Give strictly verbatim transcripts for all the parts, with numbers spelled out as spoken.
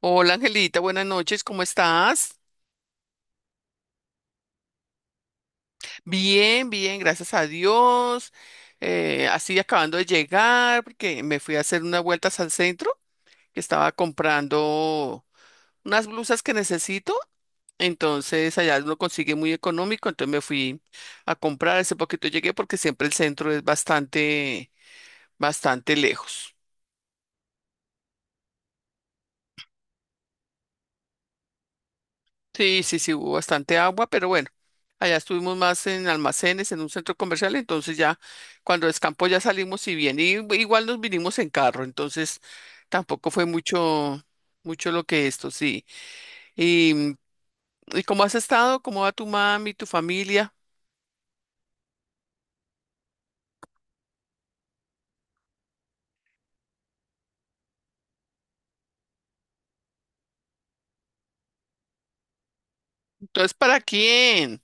Hola Angelita, buenas noches, ¿cómo estás? Bien, bien, gracias a Dios. Eh, así acabando de llegar, porque me fui a hacer unas vueltas al centro, que estaba comprando unas blusas que necesito. Entonces allá lo consigue muy económico, entonces me fui a comprar. Hace poquito llegué porque siempre el centro es bastante, bastante lejos. Sí, sí, sí, hubo bastante agua, pero bueno, allá estuvimos más en almacenes, en un centro comercial, entonces ya cuando descampó ya salimos y bien, y igual nos vinimos en carro, entonces tampoco fue mucho, mucho lo que esto, sí. ¿Y, mm, y cómo has estado? ¿Cómo va tu mami, tu familia? Entonces, ¿para quién?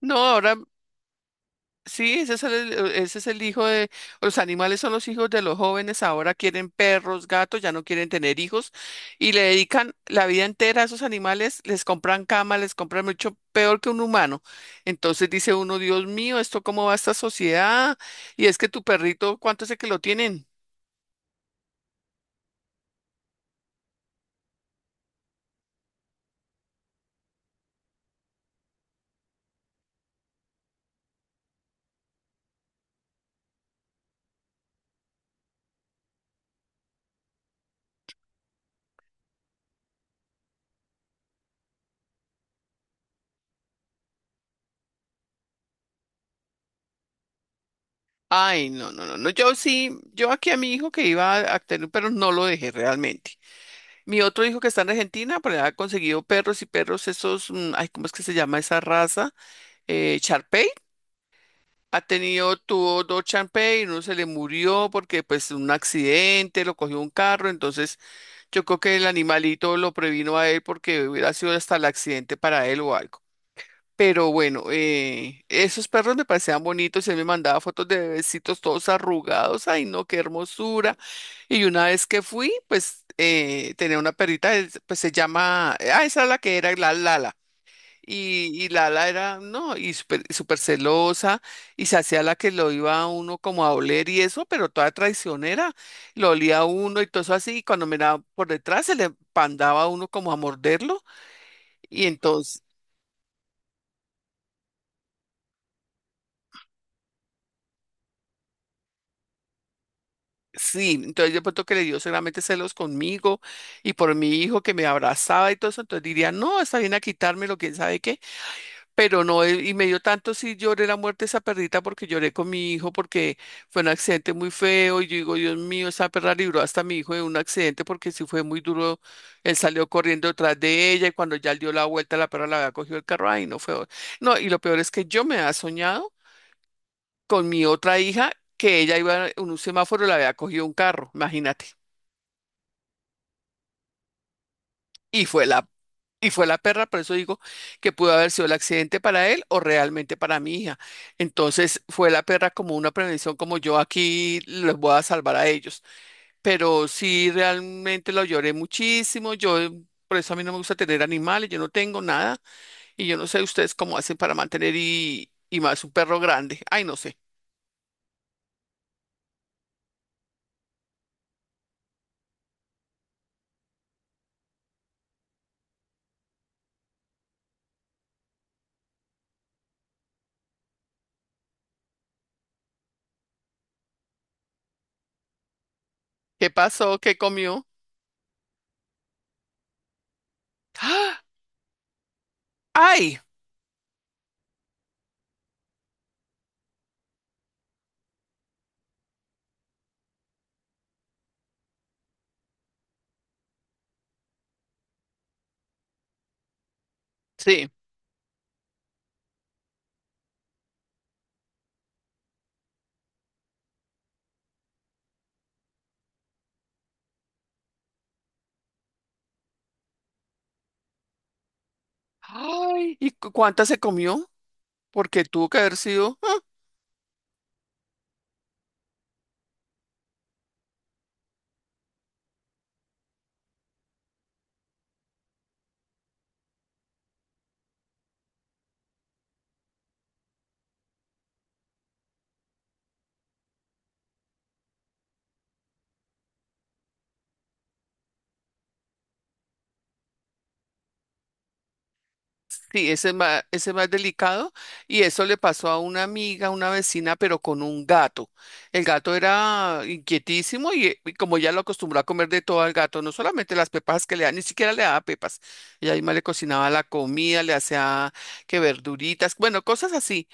No, ahora sí, ese es el, ese es el hijo de, los animales son los hijos de los jóvenes, ahora quieren perros, gatos, ya no quieren tener hijos y le dedican la vida entera a esos animales, les compran cama, les compran mucho peor que un humano. Entonces dice uno, Dios mío, ¿esto cómo va esta sociedad? Y es que tu perrito, ¿cuánto sé que lo tienen? Ay, no, no, no, no, yo sí, yo aquí a mi hijo que iba a a tener un perro no lo dejé realmente. Mi otro hijo que está en Argentina, pues ha conseguido perros y perros esos, mm, ay, ¿cómo es que se llama esa raza? eh, Sharpay ha tenido, tuvo dos Sharpay, uno se le murió porque pues un accidente, lo cogió un carro, entonces yo creo que el animalito lo previno a él porque hubiera sido hasta el accidente para él o algo. Pero bueno, eh, esos perros me parecían bonitos, él me mandaba fotos de bebecitos todos arrugados, ay no, qué hermosura. Y una vez que fui, pues eh, tenía una perrita, es- pues se llama, ah, esa es la que era, la Lala. Y, y Lala era, no, y súper súper celosa, y se hacía la que lo iba a uno como a oler y eso, pero toda traicionera, lo olía a uno y todo eso así, y cuando miraba por detrás se le pandaba a uno como a morderlo, y entonces, sí, entonces yo pronto que le dio seguramente celos conmigo y por mi hijo que me abrazaba y todo eso, entonces diría, no, está bien a quitármelo, quién sabe qué. Pero no, eh, y me dio tanto si lloré la muerte de esa perrita porque lloré con mi hijo porque fue un accidente muy feo y yo digo, Dios mío, esa perra libró hasta a mi hijo de un accidente porque sí fue muy duro, él salió corriendo detrás de ella y cuando ya él dio la vuelta la perra la había cogido el carro, ay, no fue, no, y lo peor es que yo me había soñado con mi otra hija que ella iba en un semáforo y la había cogido un carro, imagínate. Y fue la Y fue la perra, por eso digo que pudo haber sido el accidente para él o realmente para mi hija. Entonces fue la perra como una prevención, como yo aquí les voy a salvar a ellos. Pero sí, realmente lo lloré muchísimo. Yo, por eso a mí no me gusta tener animales, yo no tengo nada. Y yo no sé ustedes cómo hacen para mantener y, y más un perro grande. Ay, no sé. ¿Qué pasó? ¿Qué comió? ¡Ah! ¡Ay! Sí. ¡Ay! ¿Y cu- cuánta se comió? Porque tuvo que haber sido. Sí, ese es más, ese es más delicado y eso le pasó a una amiga, una vecina, pero con un gato. El gato era inquietísimo y, y como ya lo acostumbró a comer de todo al gato, no solamente las pepas que le da, ni siquiera le daba pepas. Ella misma le cocinaba la comida, le hacía que verduritas, bueno, cosas así.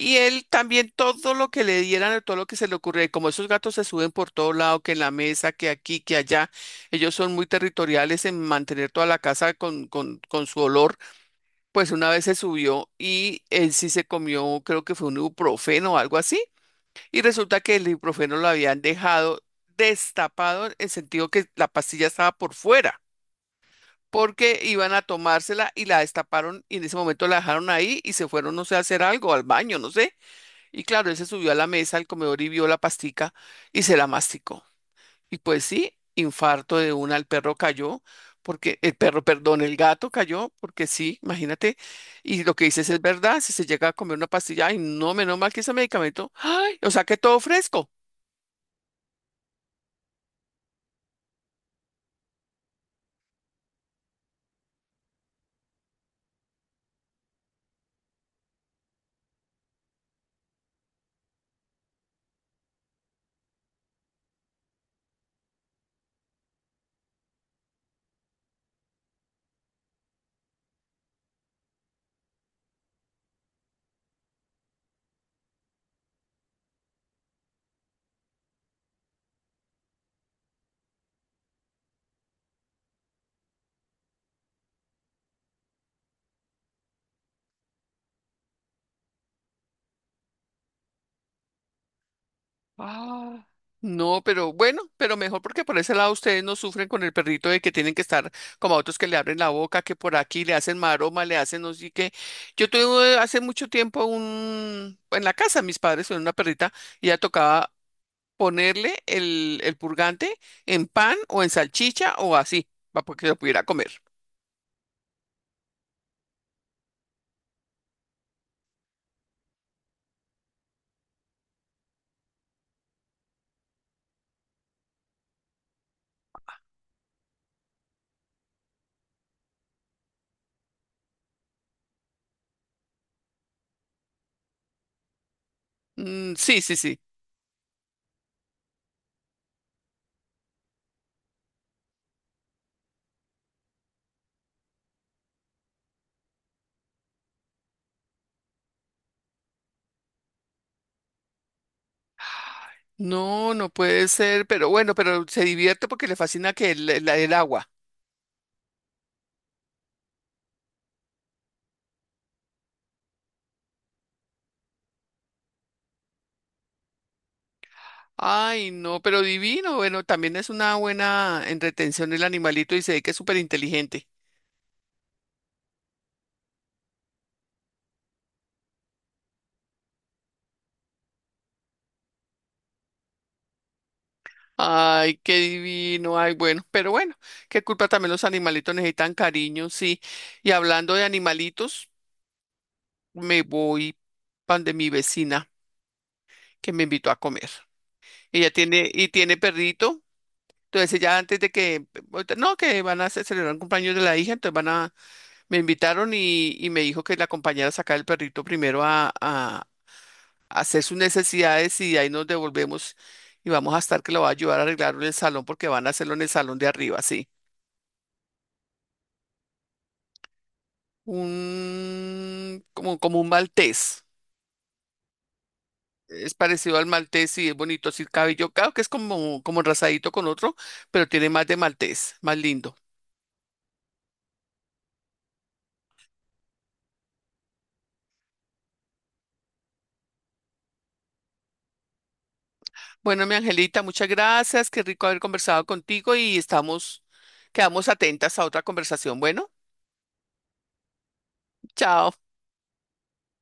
Y él también todo lo que le dieran, todo lo que se le ocurría, y como esos gatos se suben por todo lado, que en la mesa, que aquí, que allá, ellos son muy territoriales en mantener toda la casa con, con, con su olor. Pues una vez se subió y él sí se comió, creo que fue un ibuprofeno o algo así, y resulta que el ibuprofeno lo habían dejado destapado en el sentido que la pastilla estaba por fuera, porque iban a tomársela y la destaparon y en ese momento la dejaron ahí y se fueron, no sé, a hacer algo, al baño, no sé. Y claro, él se subió a la mesa, al comedor y vio la pastica y se la masticó. Y pues sí, infarto de una, el perro cayó, porque el perro, perdón, el gato cayó, porque sí, imagínate. Y lo que dices es verdad, si se llega a comer una pastilla, ay, no, menos mal que ese medicamento, ay, o sea que todo fresco. Ah. No, pero bueno, pero mejor porque por ese lado ustedes no sufren con el perrito de que tienen que estar como a otros que le abren la boca, que por aquí le hacen maroma, le hacen no sé qué. Yo tuve hace mucho tiempo un, en la casa, mis padres tuvieron una perrita y ella tocaba ponerle el, el purgante en pan o en salchicha o así, para que lo pudiera comer. Mm, sí, sí, sí. No, no puede ser, pero bueno, pero se divierte porque le fascina que el, el- el agua. Ay, no, pero divino. Bueno, también es una buena en retención el animalito y se ve que es súper inteligente. Ay, qué divino. Ay, bueno, pero bueno, qué culpa también los animalitos necesitan cariño, sí. Y hablando de animalitos, me voy pan de mi vecina que me invitó a comer. Ella tiene, y tiene perrito. Entonces ya antes de que, ahorita- no, que van a ce- celebrar un cumpleaños de la hija, entonces van a, me invitaron y, y me dijo que la acompañara a sacar el perrito primero a, a a hacer sus necesidades y ahí nos devolvemos y vamos a estar que lo va a ayudar a arreglarlo en el salón porque van a hacerlo en el salón de arriba, sí. Un, como, como un maltés. Es parecido al maltés y es bonito, así el cabello, claro que es como, como enrasadito con otro, pero tiene más de maltés, más lindo. Bueno, mi Angelita, muchas gracias. Qué rico haber conversado contigo y estamos, quedamos atentas a otra conversación. Bueno, chao.